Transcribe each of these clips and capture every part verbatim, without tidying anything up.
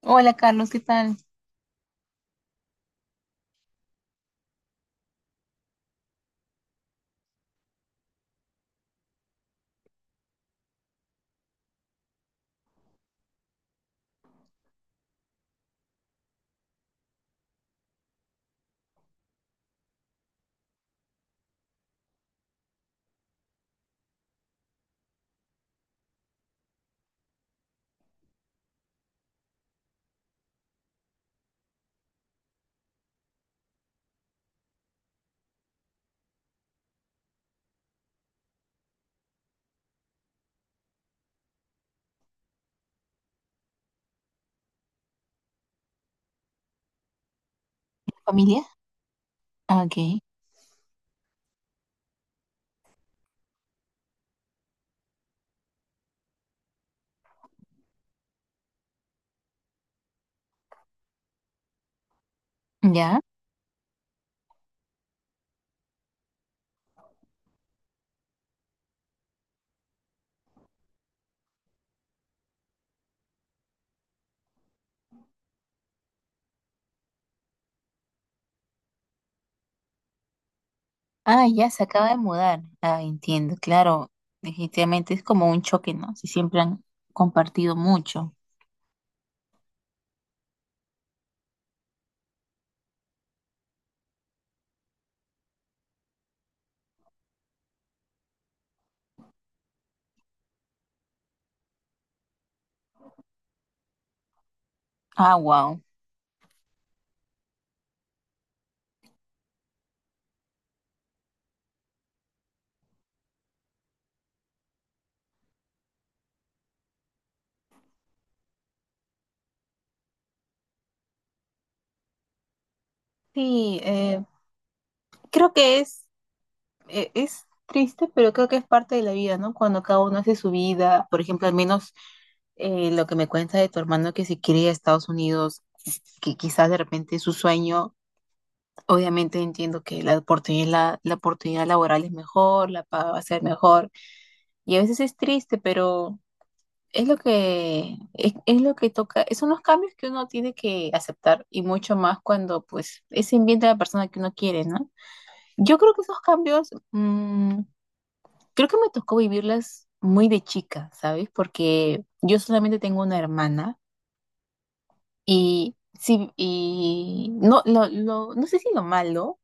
Hola Carlos, ¿qué tal? ¿Familia? Ah, ok, ya. Ah, ya se acaba de mudar. Ah, entiendo, claro. Definitivamente es como un choque, ¿no? Si siempre han compartido mucho. Ah, wow. Sí, eh, creo que es, eh, es triste, pero creo que es parte de la vida, ¿no? Cuando cada uno hace su vida, por ejemplo, al menos eh, lo que me cuenta de tu hermano que se quiere ir a Estados Unidos, que quizás de repente es su sueño, obviamente entiendo que la oportunidad, la, la oportunidad laboral es mejor, la paga va a ser mejor, y a veces es triste, pero es lo que, es, es lo que toca, son los cambios que uno tiene que aceptar y mucho más cuando pues es ambiente de la persona que uno quiere, ¿no? Yo creo que esos cambios, mm, creo que me tocó vivirlas muy de chica, ¿sabes? Porque yo solamente tengo una hermana y, sí, y no, lo, lo- no sé si lo malo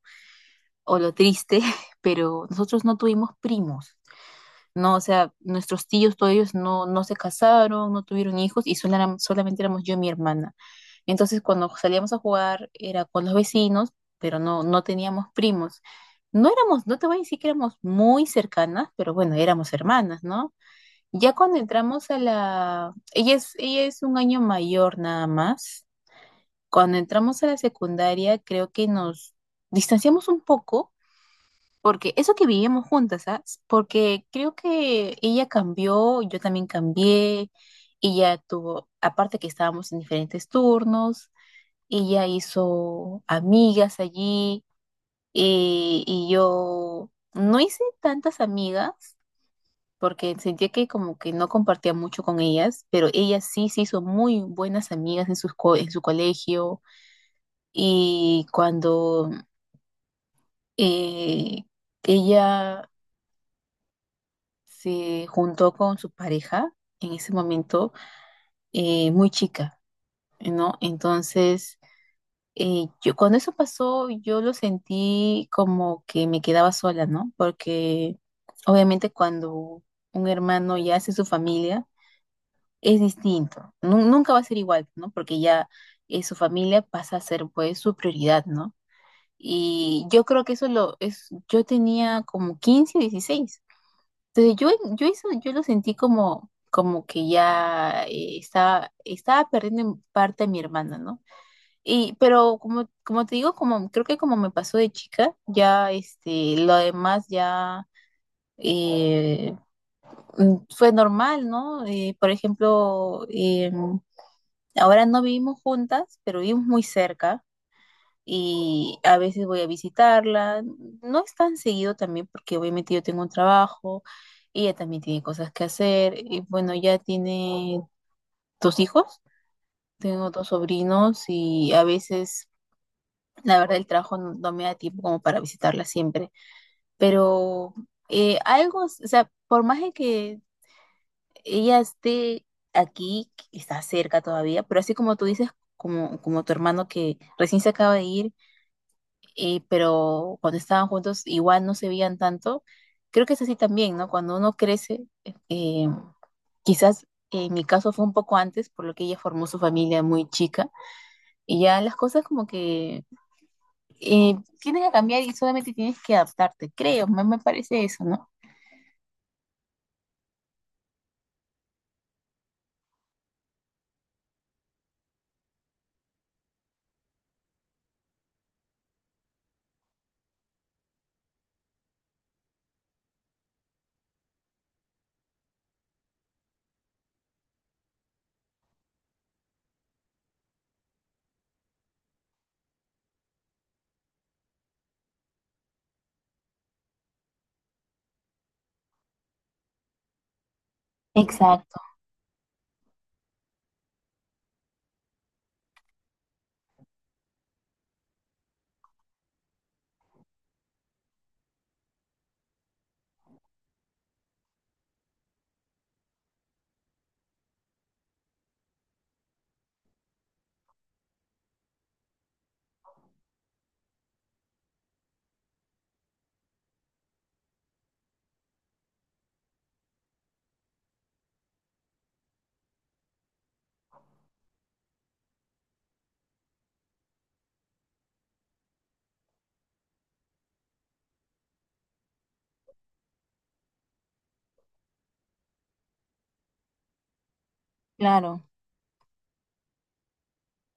o lo triste, pero nosotros no tuvimos primos. No, o sea, nuestros tíos, todos ellos no, no se casaron, no tuvieron hijos y solo éram- solamente éramos yo y mi hermana. Entonces, cuando salíamos a jugar era con los vecinos, pero no, no teníamos primos. No éramos, no te voy a decir que éramos muy cercanas, pero bueno, éramos hermanas, ¿no? Ya cuando entramos a la... Ella es, ella es un año mayor nada más. Cuando entramos a la secundaria, creo que nos distanciamos un poco porque eso que vivíamos juntas, ¿sabes? Porque creo que ella cambió, yo también cambié, ella tuvo, aparte que estábamos en diferentes turnos, ella hizo amigas allí y, y yo no hice tantas amigas porque sentía que como que no compartía mucho con ellas, pero ella sí se hizo muy buenas amigas en sus co- en su colegio y cuando eh, ella se juntó con su pareja en ese momento, eh, muy chica, ¿no? Entonces, eh, yo cuando eso pasó, yo lo sentí como que me quedaba sola, ¿no? Porque obviamente cuando un hermano ya hace su familia, es distinto, Nu- nunca va a ser igual, ¿no? Porque ya eh, su familia pasa a ser pues su prioridad, ¿no? Y yo creo que eso lo es, yo tenía como quince, dieciséis. Entonces, yo, yo, eso, yo lo sentí como, como que ya eh, estaba, estaba perdiendo en parte a mi hermana, ¿no? Y, pero como, como te digo, como creo que como me pasó de chica, ya este, lo demás ya eh, mm, fue normal, ¿no? Eh, por ejemplo, em, ahora no vivimos juntas, pero vivimos muy cerca y a veces voy a visitarla. No es tan seguido también porque obviamente yo tengo un trabajo, ella también tiene cosas que hacer y bueno, ya tiene dos hijos, tengo dos sobrinos y a veces la verdad el trabajo no, no me da tiempo como para visitarla siempre, pero eh, algo, o sea, por más de que ella esté aquí, está cerca todavía, pero así como tú dices, como, como tu hermano que recién se acaba de ir y- pero cuando estaban juntos igual no se veían tanto. Creo que es así también, ¿no? Cuando uno crece, eh, quizás en mi caso fue un poco antes, por lo que ella formó su familia muy chica, y ya las cosas como que eh, tienen que cambiar y solamente tienes que adaptarte, creo, me, me parece eso, ¿no? Exacto, claro,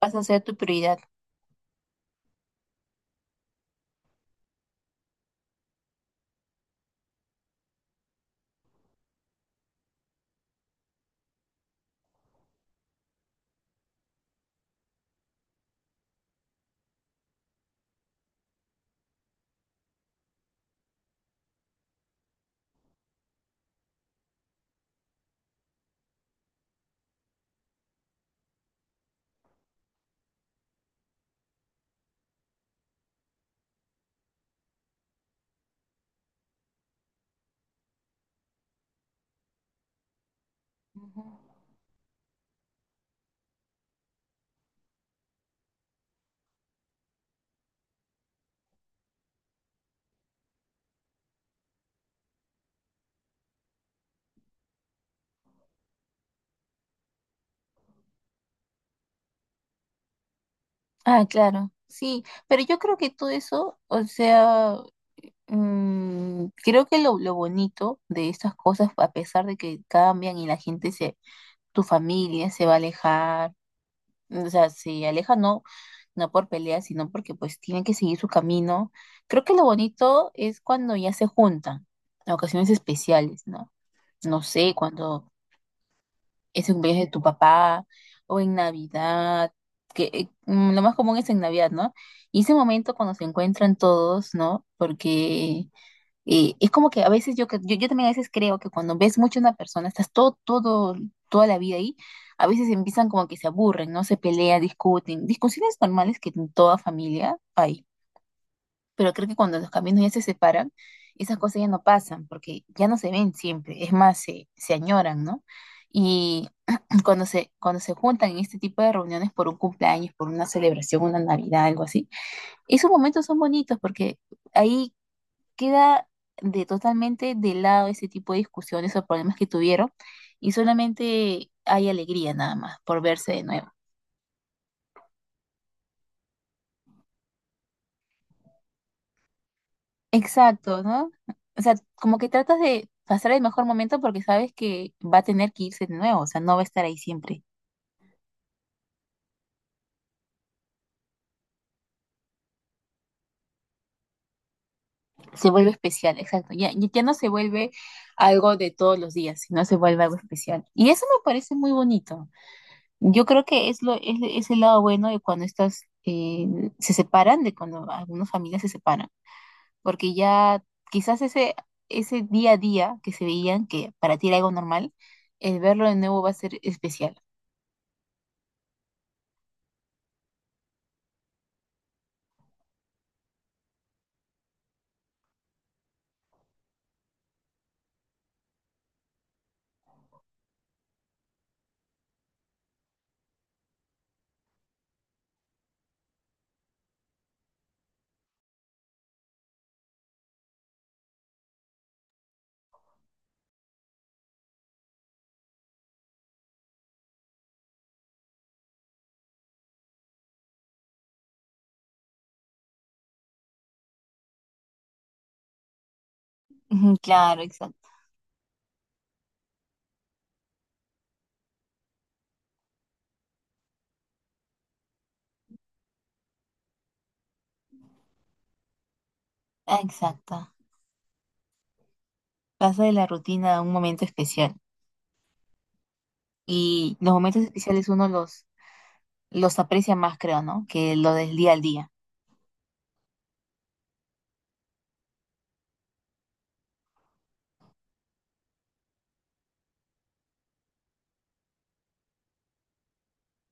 vas a ser tu prioridad. Ah, claro, sí, pero yo creo que todo eso, o sea, Mm, creo que lo, lo bonito de estas cosas, a pesar de que cambian y la gente se, tu familia se va a alejar, o sea, se aleja no, no por peleas, sino porque pues tienen que seguir su camino. Creo que lo bonito es cuando ya se juntan, en ocasiones especiales, ¿no? No sé, cuando es el cumpleaños de tu papá o en Navidad, que eh, mm, lo más común es en Navidad, ¿no? Y ese momento cuando se encuentran todos, ¿no? Porque y es como que a veces yo, que- yo, yo también a veces creo que cuando ves mucho a una persona, estás todo, todo, toda la vida ahí, a veces empiezan como que se aburren, ¿no? Se pelean, discuten, discusiones normales que en toda familia hay. Pero creo que cuando los caminos ya se separan, esas cosas ya no pasan, porque ya no se ven siempre, es más, se, se añoran, ¿no? Y cuando se, cuando se juntan en este tipo de reuniones por un cumpleaños, por una celebración, una Navidad, algo así, esos momentos son bonitos porque ahí queda de totalmente de lado ese tipo de discusiones o problemas que tuvieron y solamente hay alegría nada más por verse de nuevo. Exacto, ¿no? O sea, como que tratas de pasar el mejor momento porque sabes que va a tener que irse de nuevo, o sea, no va a estar ahí siempre. Se vuelve especial, exacto. Ya, ya ya no se vuelve algo de todos los días, sino se vuelve algo especial. Y eso me parece muy bonito. Yo creo que es, lo, es, es el lado bueno de cuando estas eh, se separan, de cuando algunas familias se separan. Porque ya quizás ese, ese día a día que se veían, que para ti era algo normal, el verlo de nuevo va a ser especial. Ujú, claro, exacto. Ah, exacto. Pasa de la rutina a un momento especial. Y los momentos especiales uno los, los aprecia más, creo, ¿no? Que lo del día al día.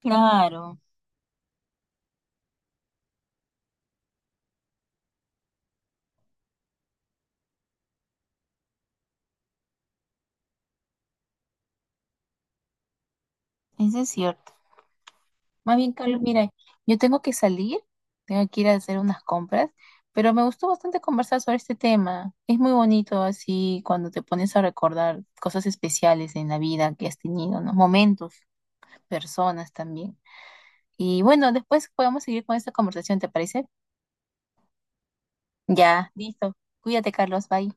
Claro, eso es cierto. Más bien, Carlos, mira, yo tengo que salir, tengo que ir a hacer unas compras, pero me gustó bastante conversar sobre este tema. Es muy bonito así cuando te pones a recordar cosas especiales en la vida que has tenido, ¿no? Momentos, personas también. Y bueno, después podemos seguir con esta conversación, ¿te parece? Ya, listo. Cuídate, Carlos, bye.